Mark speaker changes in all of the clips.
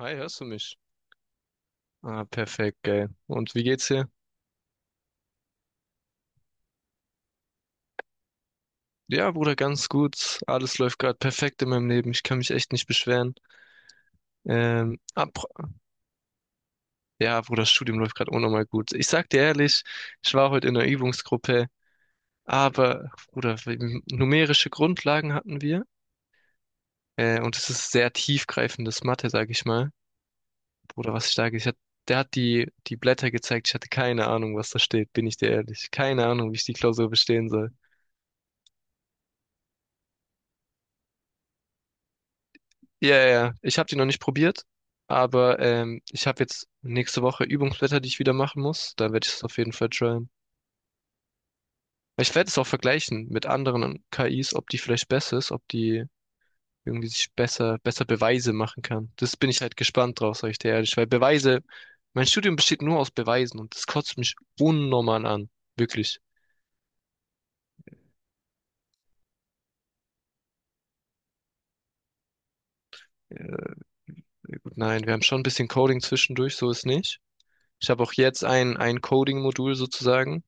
Speaker 1: Hi, hörst du mich? Ah, perfekt, geil. Und wie geht's dir? Ja, Bruder, ganz gut. Alles läuft gerade perfekt in meinem Leben. Ich kann mich echt nicht beschweren. Ähm, ab, ja, Bruder, das Studium läuft gerade unnormal gut. Ich sag dir ehrlich, ich war heute in der Übungsgruppe, aber, Bruder, numerische Grundlagen hatten wir. Und es ist sehr tiefgreifendes Mathe, sag ich mal. Bruder, was ich sage, der hat die Blätter gezeigt. Ich hatte keine Ahnung, was da steht, bin ich dir ehrlich. Keine Ahnung, wie ich die Klausur bestehen soll. Ja, ja, ja. Ich habe die noch nicht probiert, aber ich habe jetzt nächste Woche Übungsblätter, die ich wieder machen muss. Da werde ich es auf jeden Fall tryen. Ich werde es auch vergleichen mit anderen KIs, ob die vielleicht besser ist, ob die irgendwie sich besser Beweise machen kann. Das bin ich halt gespannt drauf, sag ich dir ehrlich, weil Beweise, mein Studium besteht nur aus Beweisen und das kotzt mich unnormal an. Wirklich. Äh, gut, nein, wir haben schon ein bisschen Coding zwischendurch, so ist nicht. Ich habe auch jetzt ein Coding-Modul sozusagen.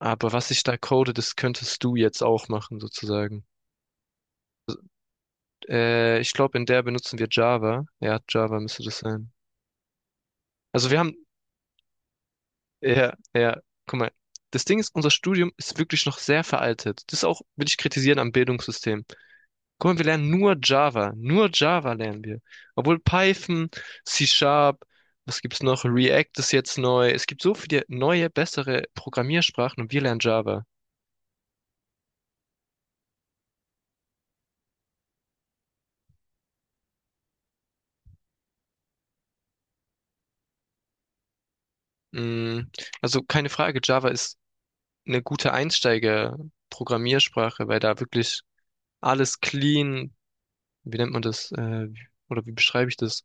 Speaker 1: Aber was ich da code, das könntest du jetzt auch machen, sozusagen. Ich glaube, in der benutzen wir Java. Ja, Java müsste das sein. Also wir haben, ja, ja, guck mal. Das Ding ist, unser Studium ist wirklich noch sehr veraltet. Das auch, will ich kritisieren am Bildungssystem. Guck mal, wir lernen nur Java. Nur Java lernen wir. Obwohl Python, C Sharp, was gibt's noch? React ist jetzt neu. Es gibt so viele neue, bessere Programmiersprachen und wir lernen Java. Mm, Also keine Frage, Java ist eine gute Einsteiger-Programmiersprache, weil da wirklich alles clean, wie nennt man das, oder wie beschreibe ich das?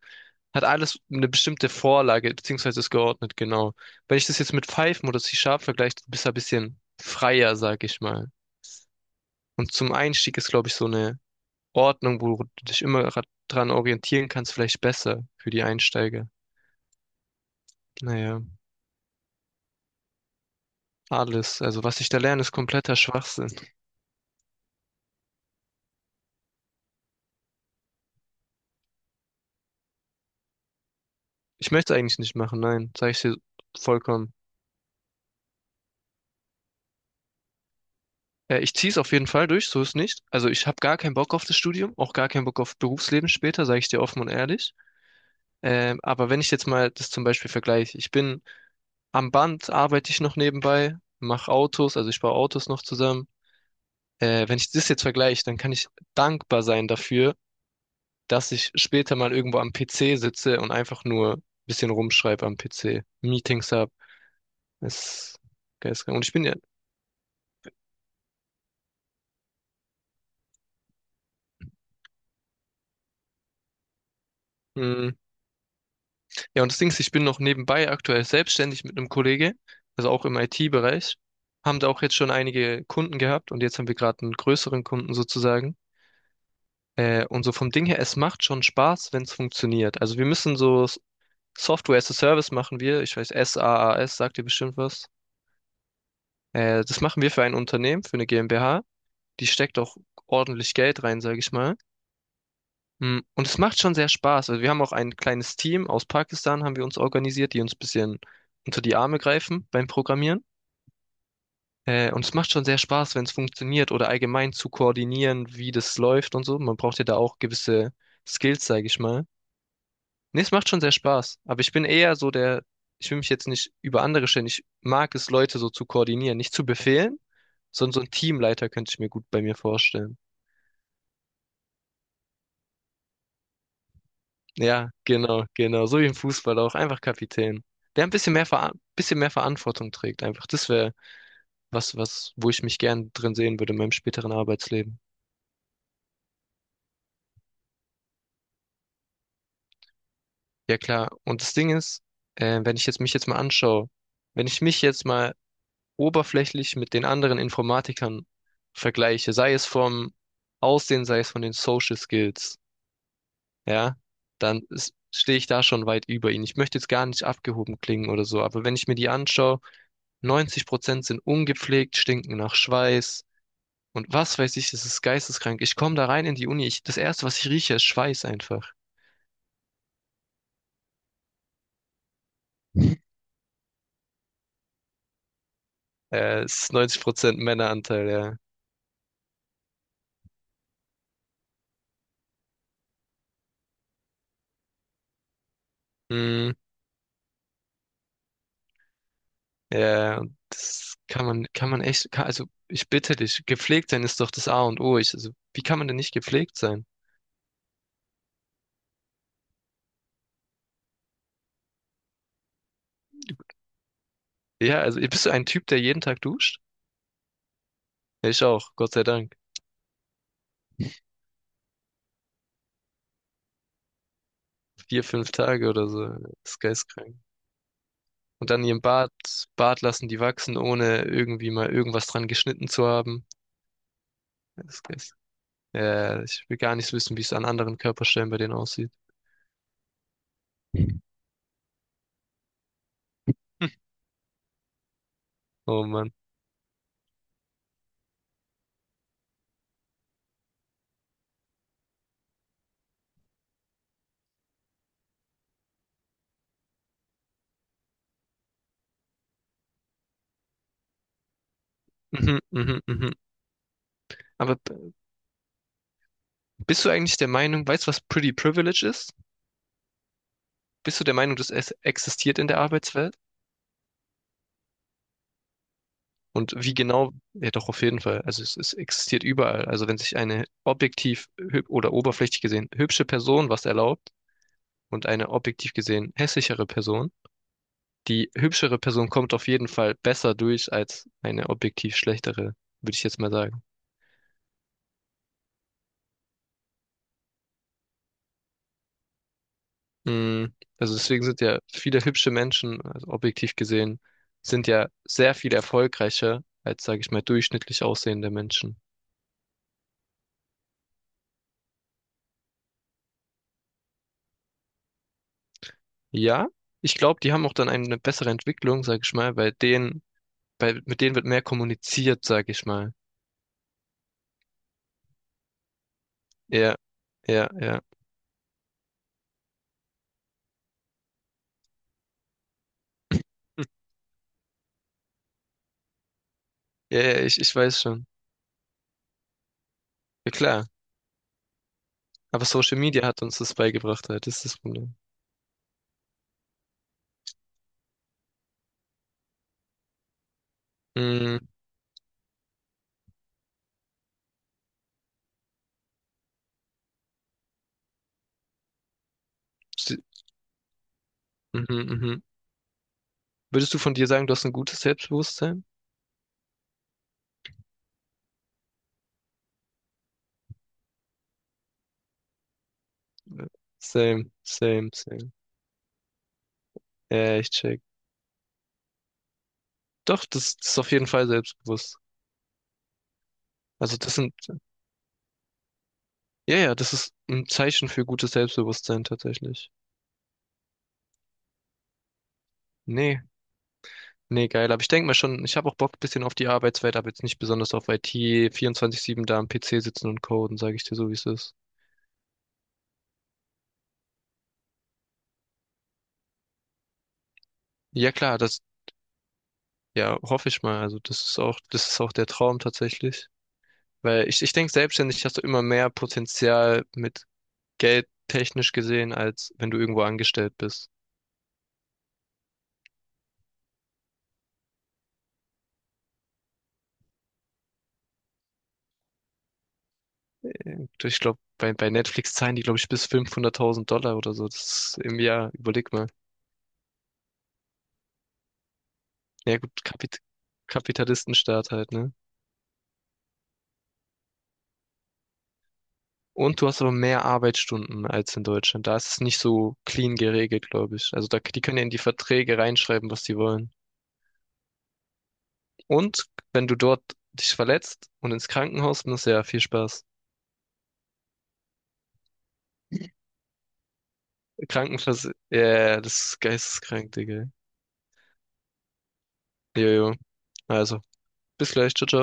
Speaker 1: Hat alles eine bestimmte Vorlage, beziehungsweise ist geordnet, genau. Wenn ich das jetzt mit Python oder C-Sharp vergleiche, du bist du ein bisschen freier, sag ich mal. Und zum Einstieg ist, glaube ich, so eine Ordnung, wo du dich immer dran orientieren kannst, vielleicht besser für die Einsteiger. Naja, alles. Also was ich da lerne, ist kompletter Schwachsinn. Ich möchte es eigentlich nicht machen, nein, sage ich dir vollkommen. Ich ziehe es auf jeden Fall durch, so ist nicht. Also ich habe gar keinen Bock auf das Studium, auch gar keinen Bock auf Berufsleben später, sage ich dir offen und ehrlich. Aber wenn ich jetzt mal das zum Beispiel vergleiche, ich bin am Band, arbeite ich noch nebenbei, mache Autos, also ich baue Autos noch zusammen. Wenn ich das jetzt vergleiche, dann kann ich dankbar sein dafür, dass ich später mal irgendwo am PC sitze und einfach nur ein bisschen rumschreibe am PC, Meetings habe. Es ist geil. Und ich bin ja, hm, ja, und das Ding ist, ich bin noch nebenbei aktuell selbstständig mit einem Kollege, also auch im IT-Bereich. Haben da auch jetzt schon einige Kunden gehabt und jetzt haben wir gerade einen größeren Kunden sozusagen. Und so vom Ding her, es macht schon Spaß, wenn es funktioniert. Also wir müssen so Software as a Service machen wir. Ich weiß, SaaS sagt dir bestimmt was. Das machen wir für ein Unternehmen, für eine GmbH. Die steckt auch ordentlich Geld rein, sage ich mal. Und es macht schon sehr Spaß. Also wir haben auch ein kleines Team aus Pakistan, haben wir uns organisiert, die uns ein bisschen unter die Arme greifen beim Programmieren. Und es macht schon sehr Spaß, wenn es funktioniert oder allgemein zu koordinieren, wie das läuft und so. Man braucht ja da auch gewisse Skills, sage ich mal. Nee, es macht schon sehr Spaß. Aber ich bin eher so der, ich will mich jetzt nicht über andere stellen. Ich mag es, Leute so zu koordinieren, nicht zu befehlen, sondern so ein Teamleiter könnte ich mir gut bei mir vorstellen. Ja, genau, genau. So wie im Fußball auch. Einfach Kapitän. Der ein bisschen mehr, Vera bisschen mehr Verantwortung trägt. Einfach. Das wäre was, wo ich mich gern drin sehen würde in meinem späteren Arbeitsleben. Ja, klar. Und das Ding ist, wenn ich jetzt mich jetzt mal anschaue, wenn ich mich jetzt mal oberflächlich mit den anderen Informatikern vergleiche, sei es vom Aussehen, sei es von den Social Skills, ja, dann stehe ich da schon weit über ihnen. Ich möchte jetzt gar nicht abgehoben klingen oder so, aber wenn ich mir die anschaue, 90% sind ungepflegt, stinken nach Schweiß und was weiß ich, das ist geisteskrank. Ich komme da rein in die Uni, das Erste, was ich rieche, ist Schweiß einfach. Es ist 90% Männeranteil, ja. Hm, ja, und das kann man echt, kann, also ich bitte dich, gepflegt sein ist doch das A und O. Also, wie kann man denn nicht gepflegt sein? Ja, also bist du ein Typ, der jeden Tag duscht? Ja, ich auch, Gott sei Dank. 4, 5 Tage oder so. Das ist geisteskrank. Und dann ihren Bart lassen die wachsen, ohne irgendwie mal irgendwas dran geschnitten zu haben. Das ist, ja, ja, ja, ich will gar nicht so wissen, wie es an anderen Körperstellen bei denen aussieht. Hm. Oh Mann. Mhm, mhm, mhm. Aber bist du eigentlich der Meinung, weißt du, was Pretty Privilege ist? Bist du der Meinung, dass es existiert in der Arbeitswelt? Und wie genau? Ja, doch, auf jeden Fall. Also es existiert überall. Also wenn sich eine objektiv oder oberflächlich gesehen hübsche Person was erlaubt und eine objektiv gesehen hässlichere Person, die hübschere Person kommt auf jeden Fall besser durch als eine objektiv schlechtere, würde ich jetzt mal sagen. Mm, Also deswegen sind ja viele hübsche Menschen, also objektiv gesehen, sind ja sehr viel erfolgreicher als, sage ich mal, durchschnittlich aussehende Menschen. Ja, ich glaube, die haben auch dann eine bessere Entwicklung, sage ich mal, weil mit denen wird mehr kommuniziert, sage ich mal. Ja, ja, ja. Hm. Ja, ja, ich weiß schon. Ja, klar. Aber Social Media hat uns das beigebracht, halt. Das ist das Problem. Mm, sie- Mhm, mhm. Würdest du von dir sagen, du hast ein gutes Selbstbewusstsein? Same, same, same. Ja, ich check. Doch, das ist auf jeden Fall selbstbewusst. Also das sind, ja, ja, das ist ein Zeichen für gutes Selbstbewusstsein tatsächlich. Nee, nee, geil. Aber ich denke mal schon, ich habe auch Bock ein bisschen auf die Arbeitswelt, aber jetzt nicht besonders auf IT, 24/7 da am PC sitzen und coden, sage ich dir so, wie es ist. Ja, klar, das, ja, hoffe ich mal. Also das ist auch der Traum tatsächlich. Weil ich denke, selbstständig hast du immer mehr Potenzial mit Geld technisch gesehen, als wenn du irgendwo angestellt bist. Ich glaube, bei Netflix zahlen die, glaube ich, bis 500.000 Dollar oder so. Das ist im Jahr, überleg mal. Ja gut, Kapitalistenstaat halt, ne? Und du hast aber mehr Arbeitsstunden als in Deutschland. Da ist es nicht so clean geregelt, glaube ich. Also da, die können ja in die Verträge reinschreiben, was die wollen. Und wenn du dort dich verletzt und ins Krankenhaus musst, ja, viel Spaß. Ja, das ist geisteskrank, Digga. Jojo. Also, bis gleich, ciao, ciao.